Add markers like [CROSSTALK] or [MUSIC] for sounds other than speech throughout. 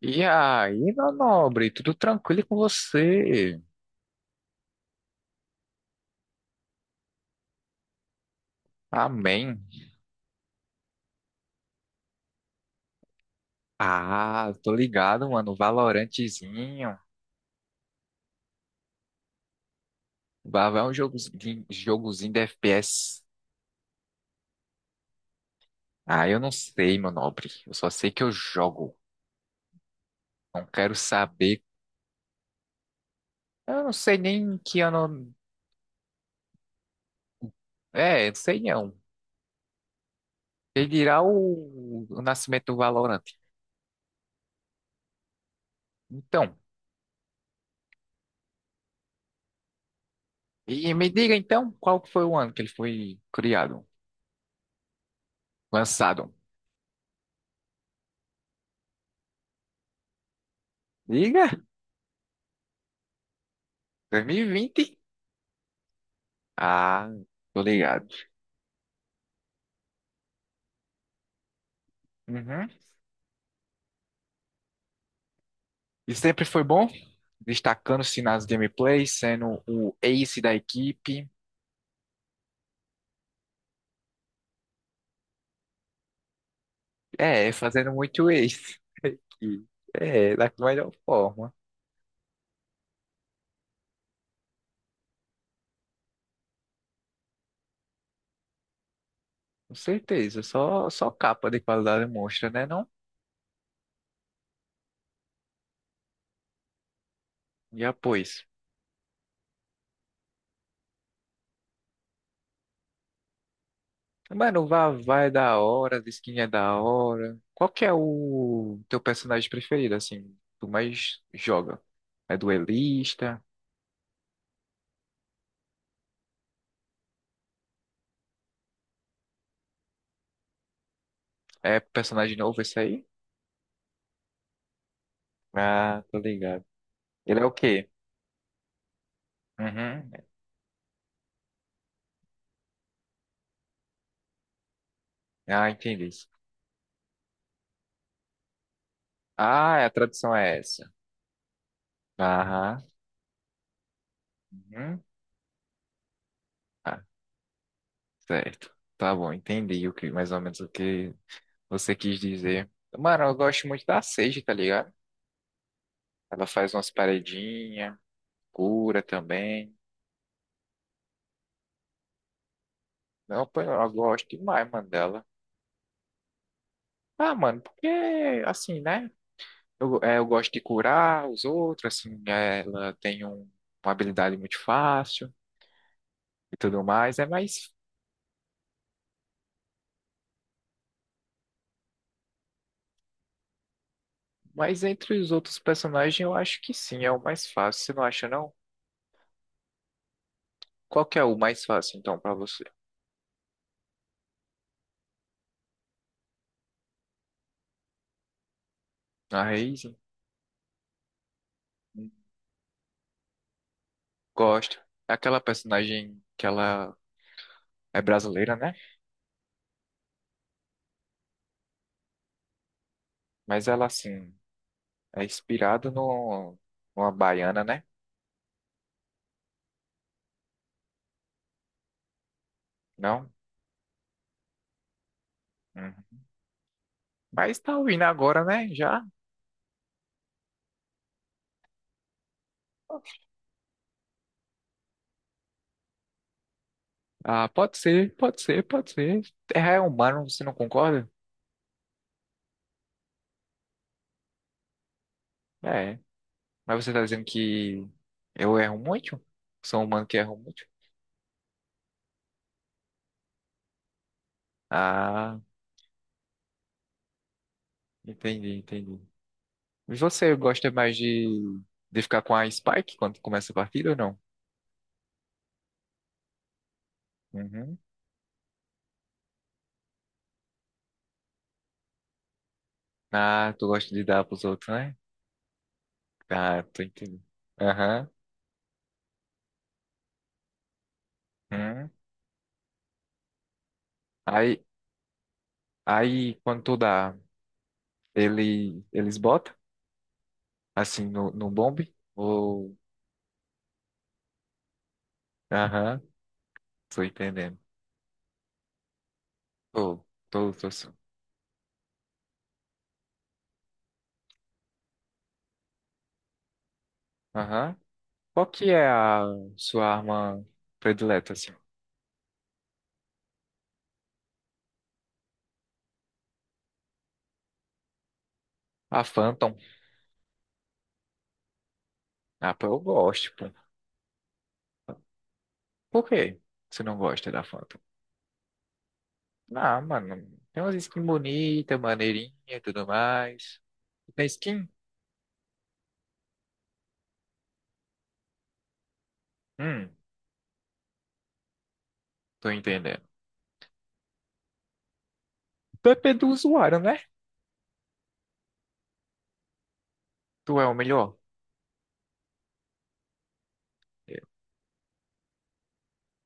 E aí, meu nobre, tudo tranquilo com você? Amém. Ah, tô ligado, mano. Valorantezinho. Vai é um jogozinho, jogozinho de FPS. Ah, eu não sei, meu nobre. Eu só sei que eu jogo. Não quero saber. Eu não sei nem que ano. É, não sei não. Ele dirá o nascimento do Valorant. Então, e me diga então, qual que foi o ano que ele foi criado? Lançado? Diga, 2020. Ah, tô ligado. Uhum. E sempre foi bom, destacando-se nas gameplays, sendo o ace da equipe. É, fazendo muito ace. [LAUGHS] E, é, da melhor forma. Com certeza. Só capa de qualidade mostra, né, não? E após. Mano, o Vavá é da hora, a skin é da hora. Qual que é o teu personagem preferido, assim? Tu mais joga? É duelista? É personagem novo esse aí? Ah, tô ligado. Ele é o quê? Uhum. Ah, entendi. Ah, é, a tradução é essa. Aham. Uhum. Ah, certo. Tá bom, entendi o que, mais ou menos o que você quis dizer. Mano, eu gosto muito da Sage, tá ligado? Ela faz umas paredinhas, cura também. Não, pô, eu gosto demais, mano, dela. Ah, mano, porque, assim, né? Eu, é, eu gosto de curar os outros, assim, né? Ela tem um- uma habilidade muito fácil e tudo mais. É mais. Mas entre os outros personagens, eu acho que sim, é o mais fácil. Você não acha, não? Qual que é o mais fácil, então, pra você? A Raízen? Hum, Gosto. É aquela personagem que ela é brasileira, né? Mas ela, assim, é inspirada no, numa baiana, né? Não? Uhum. Mas tá ouvindo agora, né? Já? Ah, pode ser, pode ser, pode ser. Terra é humano, você não concorda? É. Mas você tá dizendo que eu erro muito? Sou um humano que erro muito? Ah, entendi, entendi. E você gosta mais de ficar com a Spike quando começa a partida ou não? Uhum. Ah, tu gosta de dar pros outros, né? Ah, tô entendendo. Aham. Uhum. Aí, aí, quando tu dá, ele, eles botam, assim, no, no bombe? Ou... Aham, tô entendendo. Tô, tô, tô. Sim. Aham. Qual que é a sua arma predileta, assim? A Phantom? Ah, pô, eu gosto, pô. Por quê? Você não gosta da Phantom? Ah, mano, tem umas skins bonitas, maneirinha e tudo mais. Tem skin? Hum, Tô entendendo. PP do usuário, né? Tu é o melhor?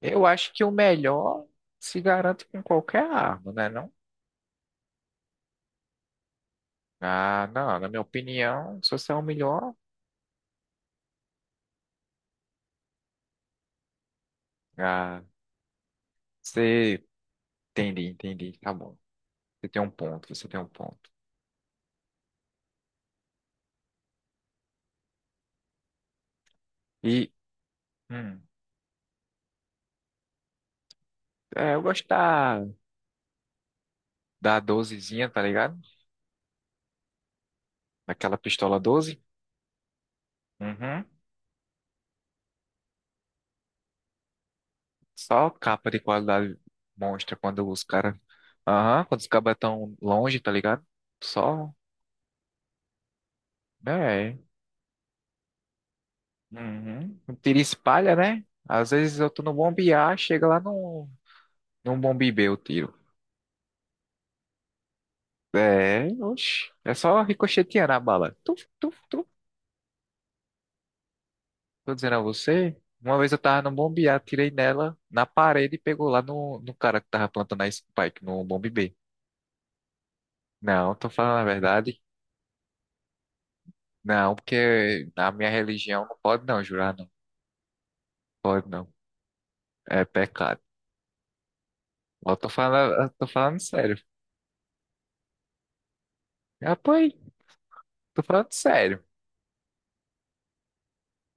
Eu acho que o melhor se garante com qualquer arma, né, não? Ah, não, na minha opinião, se você é o melhor, ah, você... Entendi, entendi, tá bom. Você tem um ponto, você tem um ponto. E, hum, eu gosto da, da 12, tá ligado? Aquela pistola doze. Uhum. Só capa de qualidade monstra quando os caras. Aham, quando os cabas tão longe, tá ligado? Só. É. Uhum. Um tiro espalha, né? Às vezes eu tô no bombear, chega lá no, no bombibê o tiro. É, oxe. É só ricochetear na bala. Tuf, tuf, tuf. Tô dizendo a você. Uma vez eu tava no bombear, tirei nela na parede e pegou lá no, no cara que tava plantando a spike no bombe B. Não, tô falando a verdade. Não, porque na minha religião não pode não jurar. Pode não. É pecado. Eu tô falando sério. Ah, pô, aí, tô falando sério.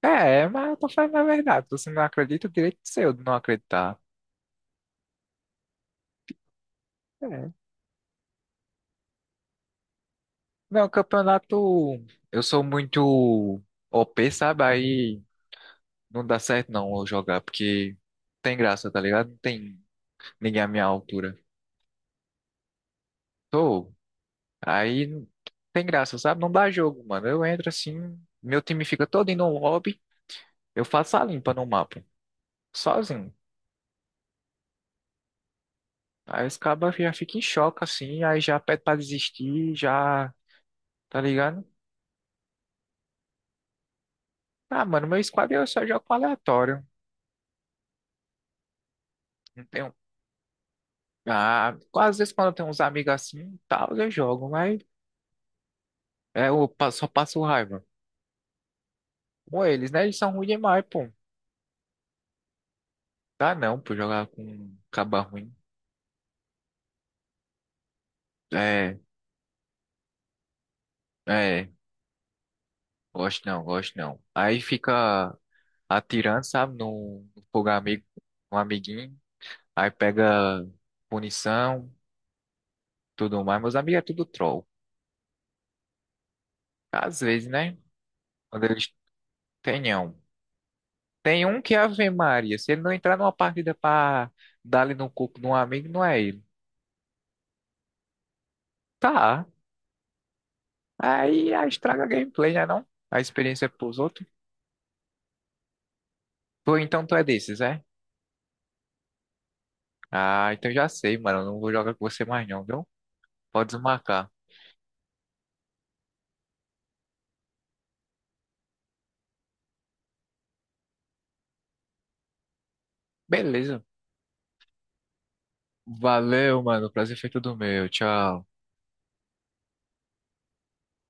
É, mas eu tô falando a verdade. Então, você não acredita, o direito é seu de não acreditar. É. Não, campeonato. Eu sou muito OP, sabe? Aí não dá certo não eu jogar, porque tem graça, tá ligado? Não tem ninguém à minha altura. Tô. Aí não tem graça, sabe? Não dá jogo, mano. Eu entro assim, meu time fica todo indo no lobby, eu faço a limpa no mapa, sozinho. Aí os cabas já ficam em choque, assim, aí já pede pra desistir, já, tá ligado? Ah, mano, meu squad eu só jogo com aleatório. Não tenho. Ah, às vezes quando eu tenho uns amigos assim, tal, eu jogo, mas é, eu pa- só passo raiva. Com eles, né? Eles são ruins demais, pô. Dá não, pô, jogar com um caba ruim. É, é, gosto não, gosto não. Aí fica atirando, sabe, no no fogo amigo, um amiguinho, aí pega punição, tudo mais. Meus amigos é tudo troll. Às vezes, né? Quando eles tenham. Tem um que é Ave Maria. Se ele não entrar numa partida pra dar ali no coco de um amigo, não é ele. Tá. Aí, aí estraga a gameplay, né não? A experiência pros outros. Tu, então tu é desses, é? Ah, então já sei, mano. Eu não vou jogar com você mais não, viu? Pode desmarcar. Beleza. Valeu, mano. O prazer foi todo meu. Tchau.